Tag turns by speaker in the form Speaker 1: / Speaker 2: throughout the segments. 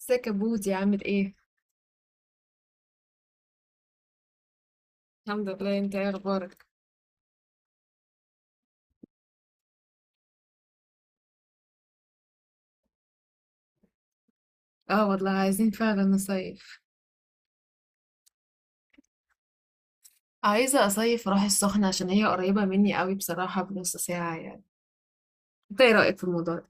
Speaker 1: ازيك يا بودي عامل ايه؟ الحمد لله. انت ايه اخبارك؟ اه والله عايزين فعلا نصيف. عايزة اصيف راح السخنة عشان هي قريبة مني قوي، بصراحة بنص ساعة يعني. انت ايه رأيك في الموضوع ده؟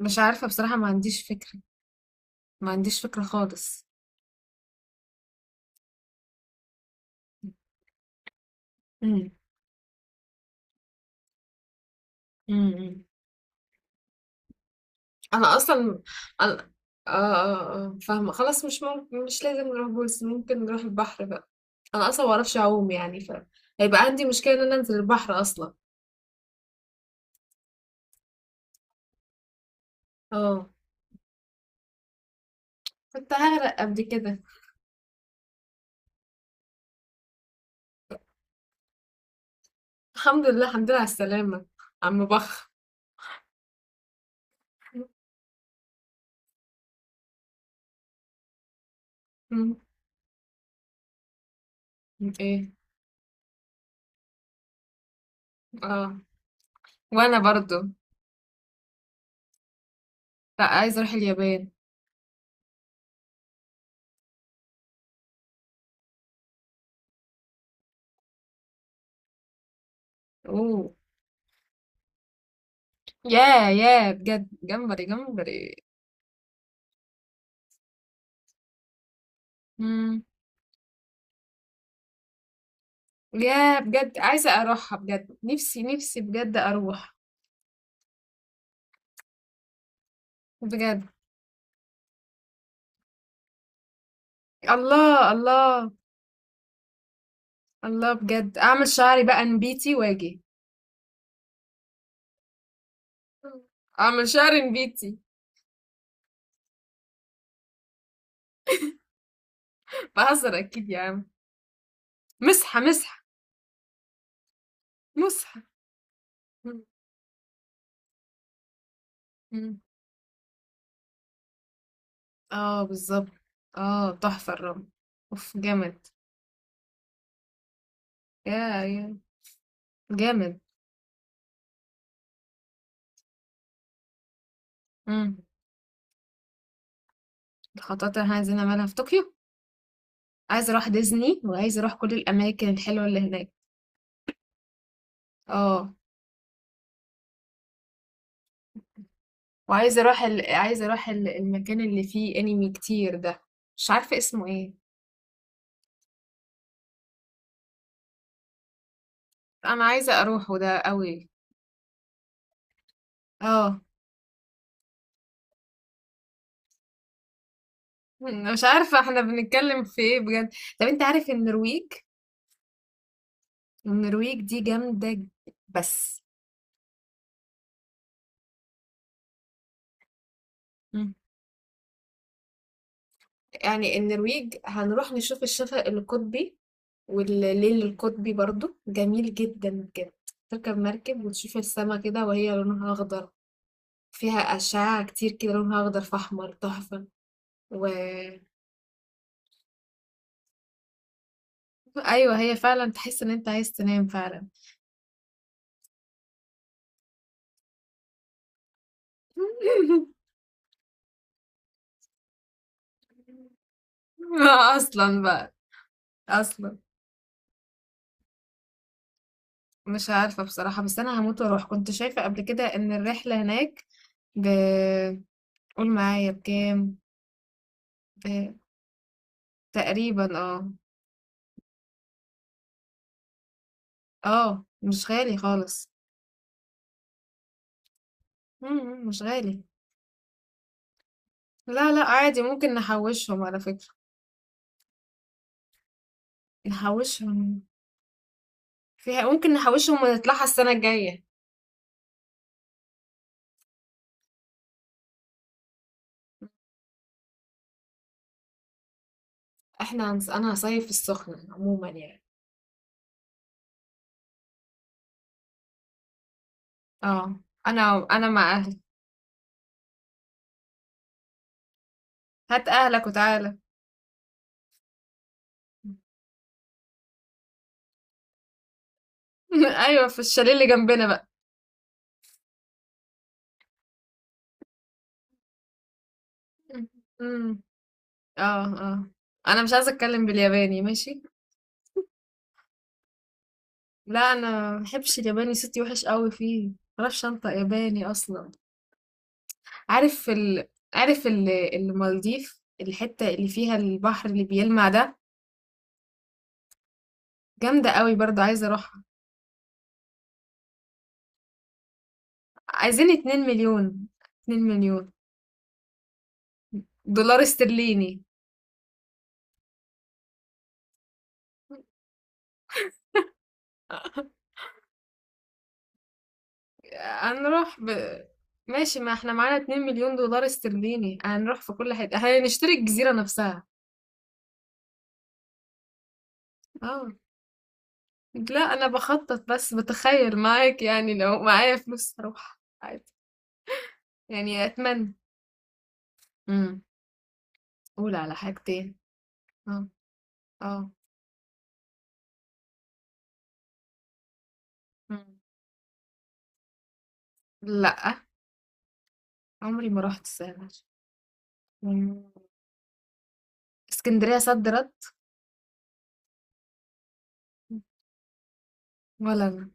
Speaker 1: مش عارفة بصراحة، ما عنديش فكرة. ما عنديش فكرة خالص. امم. امم. انا اصلا انا اه اه اه فاهمة خلاص، مش ممكن مش لازم نروح بولس، ممكن نروح البحر بقى. انا اصلا ما اعرفش اعوم يعني هيبقى عندي مشكلة ان انا انزل البحر اصلا. اه. كنت هغرق قبل كده. الحمد لله، الحمد لله على السلامة. عم بخ. مم. ايه. اه. وانا برضو. لا عايزة اروح اليابان. اوه. يا بجد جمبري جمبري. مم. يا بجد عايزة اروحها بجد، نفسي نفسي بجد اروح. بجد. الله الله. الله بجد اعمل شعري بقى نبيتي واجي. اعمل شعري نبيتي. بهزر اكيد يا عم. مسحة مسحة. مسحة. مم. اه بالظبط. اه تحفة الرمل. اوف جامد. يا جامد. امم. الخطوات اللي احنا عايزين نعملها في طوكيو. عايزة اروح ديزني وعايزة اروح كل الاماكن الحلوة اللي هناك. اه. وعايزة اروح ال... عايزة اروح ال... المكان اللي فيه انمي كتير ده. مش عارفة اسمه ايه. انا عايزة اروحه ده قوي. اه. مش عارفة احنا بنتكلم في ايه بجد. طب انت عارف النرويج؟ النرويج دي جامدة بس. مم. يعني النرويج هنروح نشوف الشفق القطبي والليل القطبي برضو جميل جدا بجد. تركب مركب وتشوف السما كده وهي لونها أخضر. فيها أشعة كتير كده لونها أخضر في أحمر تحفة. و أيوة هي فعلا تحس إن أنت عايز تنام فعلا. أصلا بقى. أصلا. مش عارفة بصراحة، بس أنا هموت وأروح. كنت شايفة قبل كده إن الرحلة هناك ب قول معايا بكام. ب... تقريبا اه. اه مش غالي خالص. مم، مش غالي. لا لا عادي، ممكن نحوشهم على فكرة. نحوشهم. فيها ممكن نحوشهم ونطلعها السنة الجاية. انا هصيف في السخنة عموما يعني. اه. انا مع اهلي. هات اهلك وتعالى. ايوه في الشاليه اللي جنبنا بقى. امم. اه اه. انا مش عايزة اتكلم بالياباني ماشي. لا انا ما بحبش الياباني، صوتي وحش قوي فيه، ما بعرفش انطق ياباني اصلا. عارف ال... عارف المالديف الحتة اللي فيها البحر اللي بيلمع ده جامدة قوي برضو عايزة اروحها. عايزين 2 مليون دولار استرليني. هنروح ماشي. ما احنا معانا 2 مليون دولار استرليني، هنروح في كل حتة هنشتري الجزيرة نفسها. اه. لا انا بخطط بس بتخيل معاك، يعني لو معايا فلوس هروح عادي. يعني اتمنى. امم. قول على حاجتين. اه. اه. مم. لا عمري ما رحت الساحل. مم. اسكندرية صد رد. ولا انا.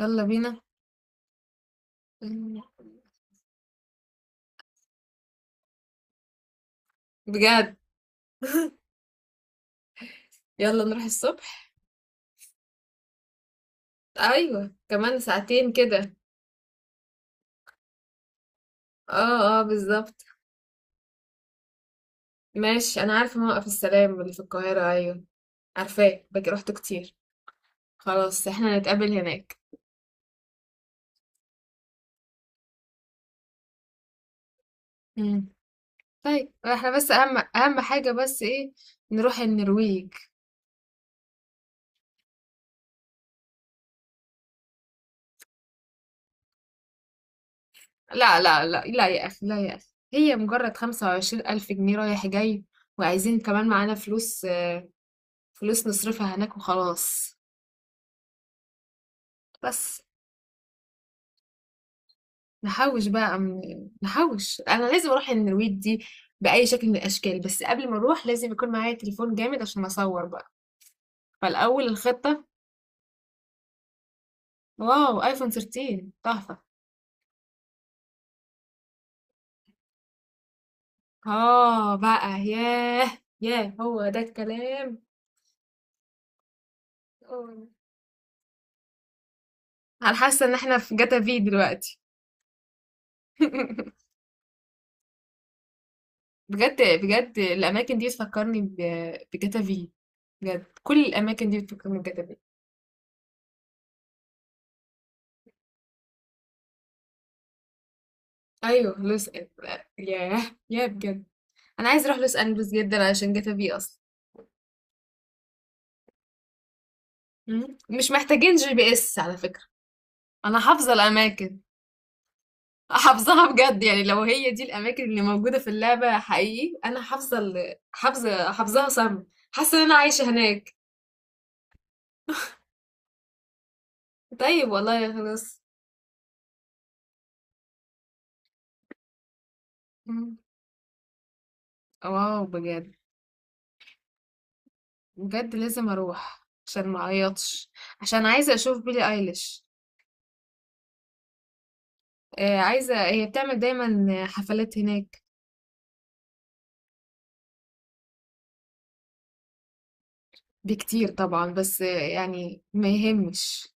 Speaker 1: يلا بينا. إمم. بجد! يالّا نروح الصبح؟ أيوه، كمان ساعتين كده. آه، آه، بالضبط. ماشي، أنا عارفة موقف السلام اللي في القاهرة، أيوه، عارفاه، باجي رُحته كتير. خلاص، إحنا هنتقابل هناك. إمم. طيب، إحنا بس أهم أهم حاجة بس إيه، نروح النرويج. لأ، لأ، لأ، لأ يا أخي، لا يا أخي، هي مجرد 25.000 جنيه رايح جاي، وعايزين كمان معانا فلوس، فلوس نصرفها هناك وخلاص، بس. نحوش بقى من... نحوش انا لازم اروح النرويج دي باي شكل من الاشكال، بس قبل ما اروح لازم يكون معايا تليفون جامد عشان اصور بقى، فالاول الخطه. واو ايفون 13 تحفه. اه بقى ياه. ياه هو ده الكلام. آه. انا حاسه ان احنا في جاتا في دلوقتي. بجد بجد الاماكن دي بتفكرني بجاتا في. بجد كل الاماكن دي بتفكرني بجاتا في. ايوه لوس. ياه. ياه بجد. انا عايز اروح لوس انجلوس جدا علشان جاتا في اصلا. مم. مش محتاجين GPS على فكرة. انا حافظة الاماكن. حافظاها بجد، يعني لو هي دي الاماكن اللي موجودة في اللعبة حقيقي، انا حافظة ال- حافظة حافظاها صم. حاسة ان انا عايشة هناك. طيب والله يا خلاص. مم. واو بجد. بجد لازم اروح عشان ما اعيطش، عشان عايزه اشوف بيلي ايليش. آه عايزه، هي بتعمل دايما حفلات هناك. بكتير طبعا، بس آه، يعني ما يهمش.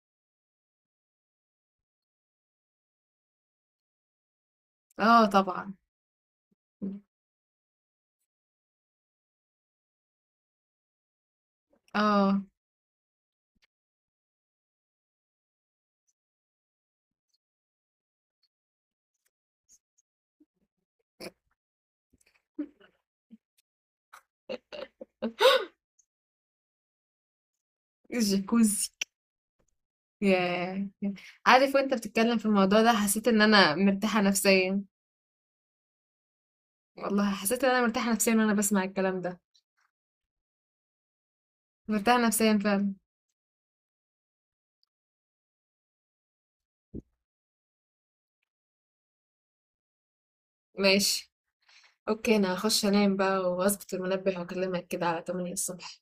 Speaker 1: اه طبعا. آه. الجاكوزي. ياه! عارف وأنت بتتكلم في الموضوع ده حسيت إن أنا مرتاحة نفسيًا. والله حسيت إن أنا مرتاحة نفسيًا وأنا بسمع الكلام ده. مرتاحة نفسيًا فعلًا. ماشي. أوكي، أنا هخش أنام بقى وأظبط المنبه وأكلمك كده على 8 الصبح.